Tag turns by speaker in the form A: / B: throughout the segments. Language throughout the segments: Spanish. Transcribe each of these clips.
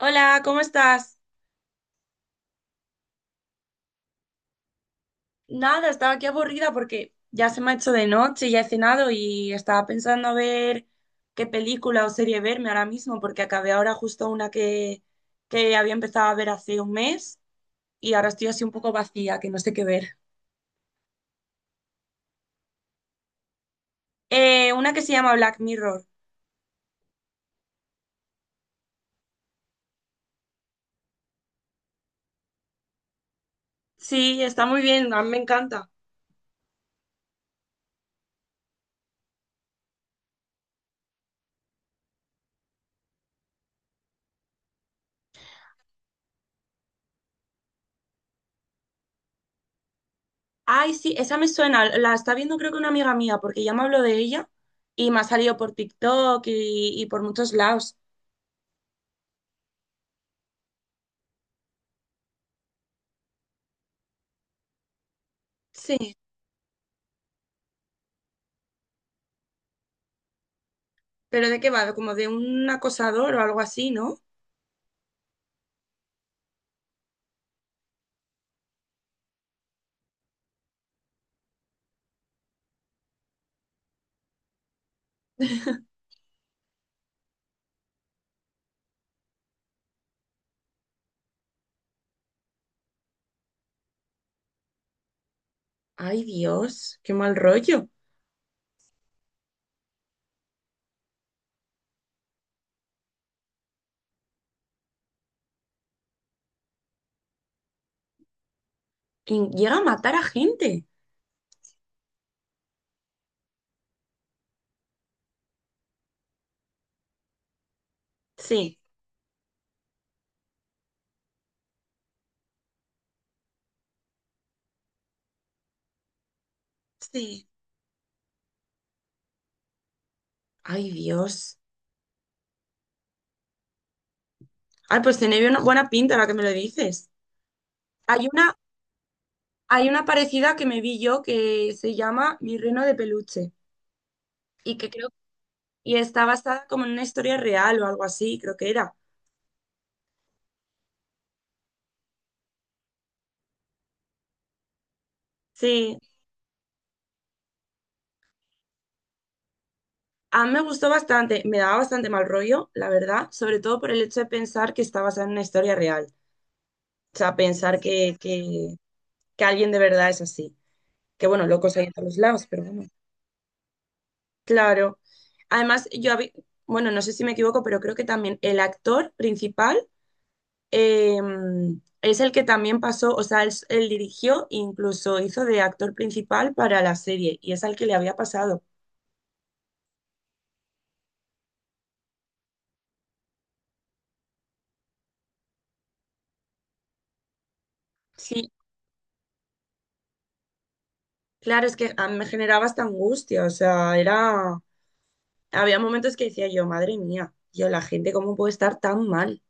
A: Hola, ¿cómo estás? Nada, estaba aquí aburrida porque ya se me ha hecho de noche, ya he cenado y estaba pensando a ver qué película o serie verme ahora mismo porque acabé ahora justo una que había empezado a ver hace un mes y ahora estoy así un poco vacía, que no sé qué ver. Una que se llama Black Mirror. Sí, está muy bien, a mí me encanta. Ay, sí, esa me suena, la está viendo creo que una amiga mía porque ya me habló de ella y me ha salido por TikTok y por muchos lados. Sí. ¿Pero de qué va? Como de un acosador o algo así, ¿no? Ay, Dios, qué mal rollo. Y llega a matar a gente. Sí. Sí. Ay, Dios. Ay, pues tiene una buena pinta ahora que me lo dices. Hay una, hay una parecida que me vi yo que se llama Mi Reno de Peluche y que creo y está basada como en una historia real o algo así, creo que era. Sí, a mí me gustó bastante, me daba bastante mal rollo, la verdad, sobre todo por el hecho de pensar que está basada en una historia real. O sea, pensar que alguien de verdad es así. Que bueno, locos hay en todos lados, pero bueno, claro. Además, bueno, no sé si me equivoco, pero creo que también el actor principal eh, es el que también pasó, o sea, él dirigió, incluso hizo de actor principal para la serie, y es al que le había pasado. Sí, claro, es que a mí me generaba esta angustia, o sea, era, había momentos que decía yo, madre mía, yo, la gente, ¿cómo puede estar tan mal?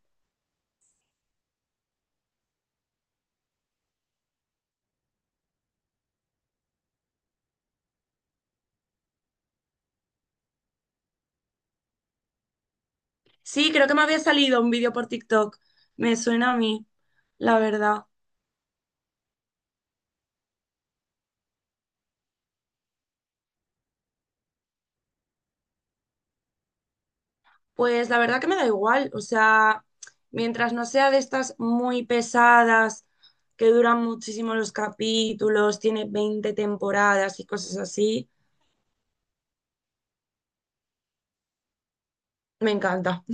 A: Sí, creo que me había salido un vídeo por TikTok. Me suena a mí, la verdad. Pues la verdad que me da igual. O sea, mientras no sea de estas muy pesadas, que duran muchísimo los capítulos, tiene 20 temporadas y cosas así, me encanta.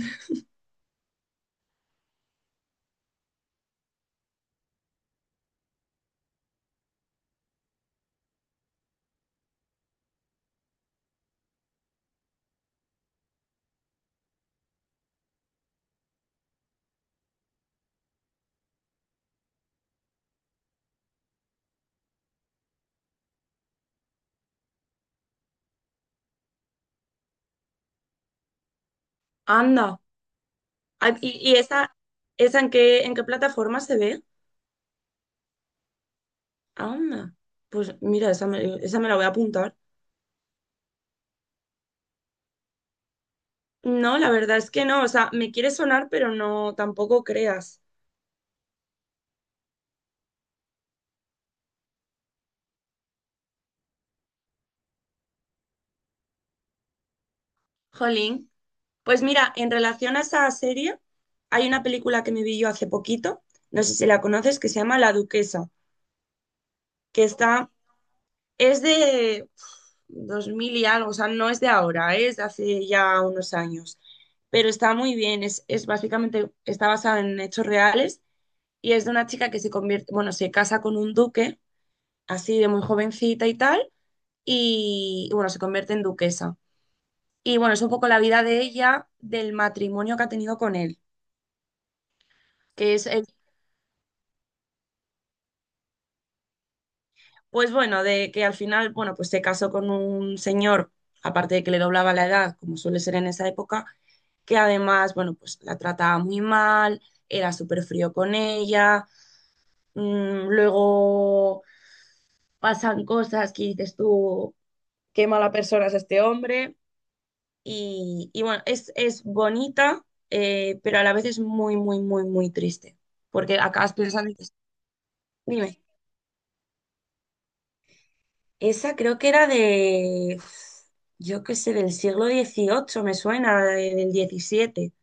A: Anda. Ah, ¿Y esa en qué plataforma se ve? Anda. Pues mira, esa me la voy a apuntar. No, la verdad es que no. O sea, me quiere sonar, pero no, tampoco creas. Jolín. Pues mira, en relación a esa serie, hay una película que me vi yo hace poquito, no sé si la conoces, que se llama La Duquesa, que está, es de uf, 2000 y algo, o sea, no es de ahora, ¿eh? Es de hace ya unos años, pero está muy bien, es básicamente, está basada en hechos reales y es de una chica que se convierte, bueno, se casa con un duque, así de muy jovencita y tal, y bueno, se convierte en duquesa. Y bueno, es un poco la vida de ella, del matrimonio que ha tenido con él que es el Pues bueno, de que al final, bueno, pues se casó con un señor, aparte de que le doblaba la edad, como suele ser en esa época, que además, bueno, pues la trataba muy mal, era súper frío con ella, luego pasan cosas que dices tú, qué mala persona es este hombre, y bueno, es bonita, pero a la vez es muy, muy, muy, muy triste, porque acabas pensando, y dices, dime. Esa creo que era de yo qué sé, del siglo 18 me suena, del 17.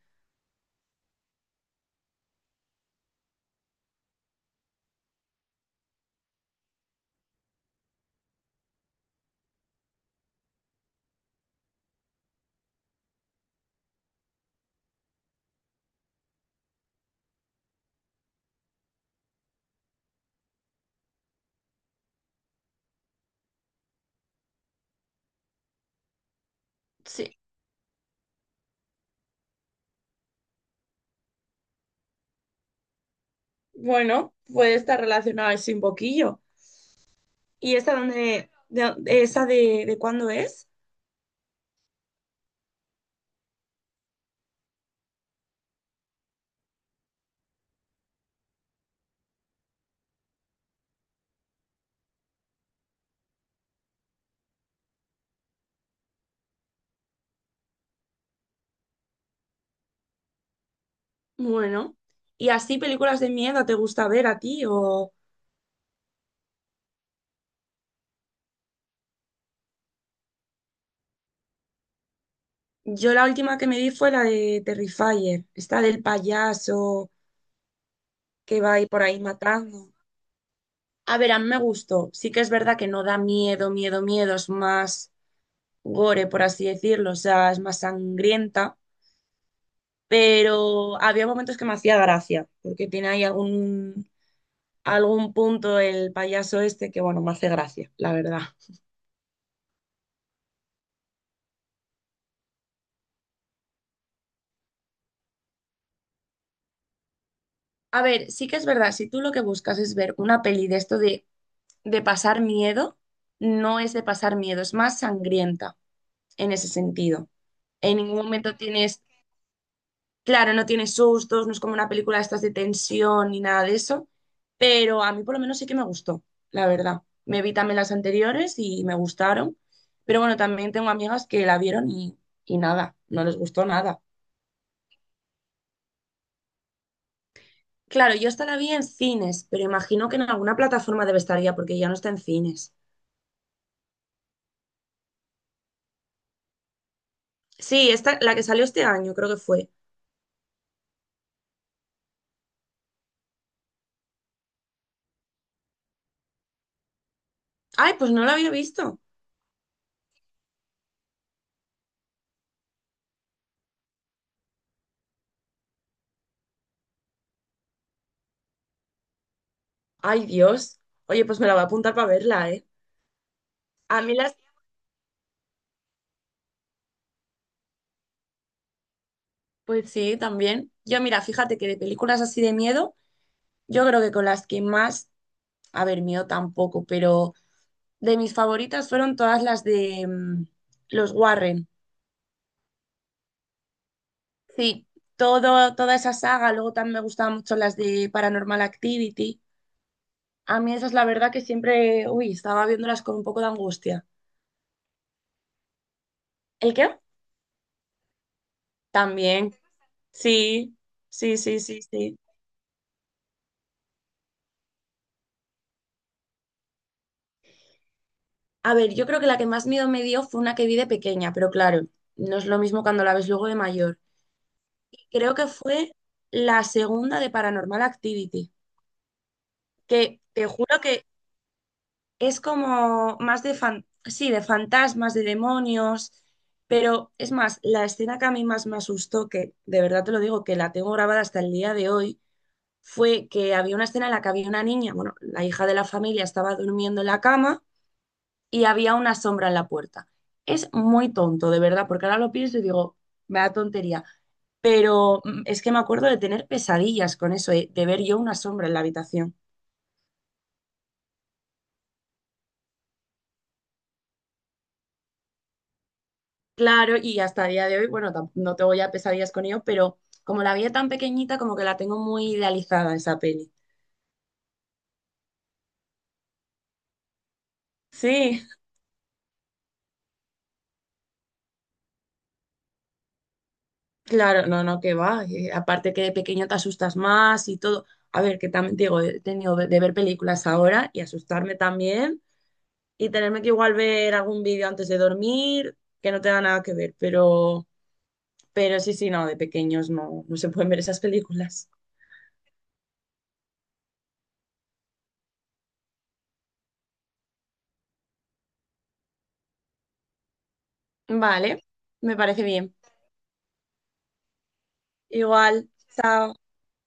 A: Sí. Bueno, puede estar relacionada ese un poquillo. ¿Y esa dónde, esa de cuándo es? Bueno, ¿y así películas de miedo te gusta ver a ti? O yo la última que me vi fue la de Terrifier, esta del payaso que va ahí por ahí matando. A ver, a mí me gustó. Sí que es verdad que no da miedo, miedo, miedo, es más, gore, por así decirlo, o sea, es más sangrienta, pero había momentos que me hacía gracia, porque tiene ahí algún, algún punto el payaso este que, bueno, me hace gracia, la verdad. A ver, sí que es verdad, si tú lo que buscas es ver una peli de esto de pasar miedo, no es de pasar miedo, es más sangrienta en ese sentido. En ningún momento tienes claro, no tiene sustos, no es como una película de estas de tensión ni nada de eso, pero a mí por lo menos sí que me gustó, la verdad. Me vi también las anteriores y me gustaron, pero bueno, también tengo amigas que la vieron y nada, no les gustó nada. Claro, yo esta la vi en cines, pero imagino que en alguna plataforma debe estar ya porque ya no está en cines. Sí, esta, la que salió este año creo que fue. Ay, pues no la había visto. Ay, Dios. Oye, pues me la voy a apuntar para verla, ¿eh? A mí las... Pues sí, también. Yo, mira, fíjate que de películas así de miedo... Yo creo que con las que más, a ver, mío tampoco, pero de mis favoritas fueron todas las de los Warren. Sí, todo, toda esa saga, luego también me gustaban mucho las de Paranormal Activity. A mí esas, la verdad, que siempre, uy, estaba viéndolas con un poco de angustia. ¿El qué? También, sí, sí. A ver, yo creo que la que más miedo me dio fue una que vi de pequeña, pero claro, no es lo mismo cuando la ves luego de mayor. Creo que fue la segunda de Paranormal Activity. Que te juro que es como más de fan, sí, de fantasmas, de demonios, pero es más, la escena que a mí más me asustó, que de verdad te lo digo, que la tengo grabada hasta el día de hoy, fue que había una escena en la que había una niña, bueno, la hija de la familia estaba durmiendo en la cama y había una sombra en la puerta. Es muy tonto, de verdad, porque ahora lo pienso y digo, me da tontería. Pero es que me acuerdo de tener pesadillas con eso, de ver yo una sombra en la habitación. Claro, y hasta el día de hoy, bueno, no tengo ya pesadillas con ello, pero como la vi tan pequeñita, como que la tengo muy idealizada esa peli. Sí, claro, no, no, que va. Aparte que de pequeño te asustas más y todo. A ver, que también te digo, he tenido de ver películas ahora y asustarme también y tenerme que igual ver algún vídeo antes de dormir, que no te da nada que ver, pero sí, sí, no, de pequeños no, no se pueden ver esas películas. Vale, me parece bien. Igual, chao.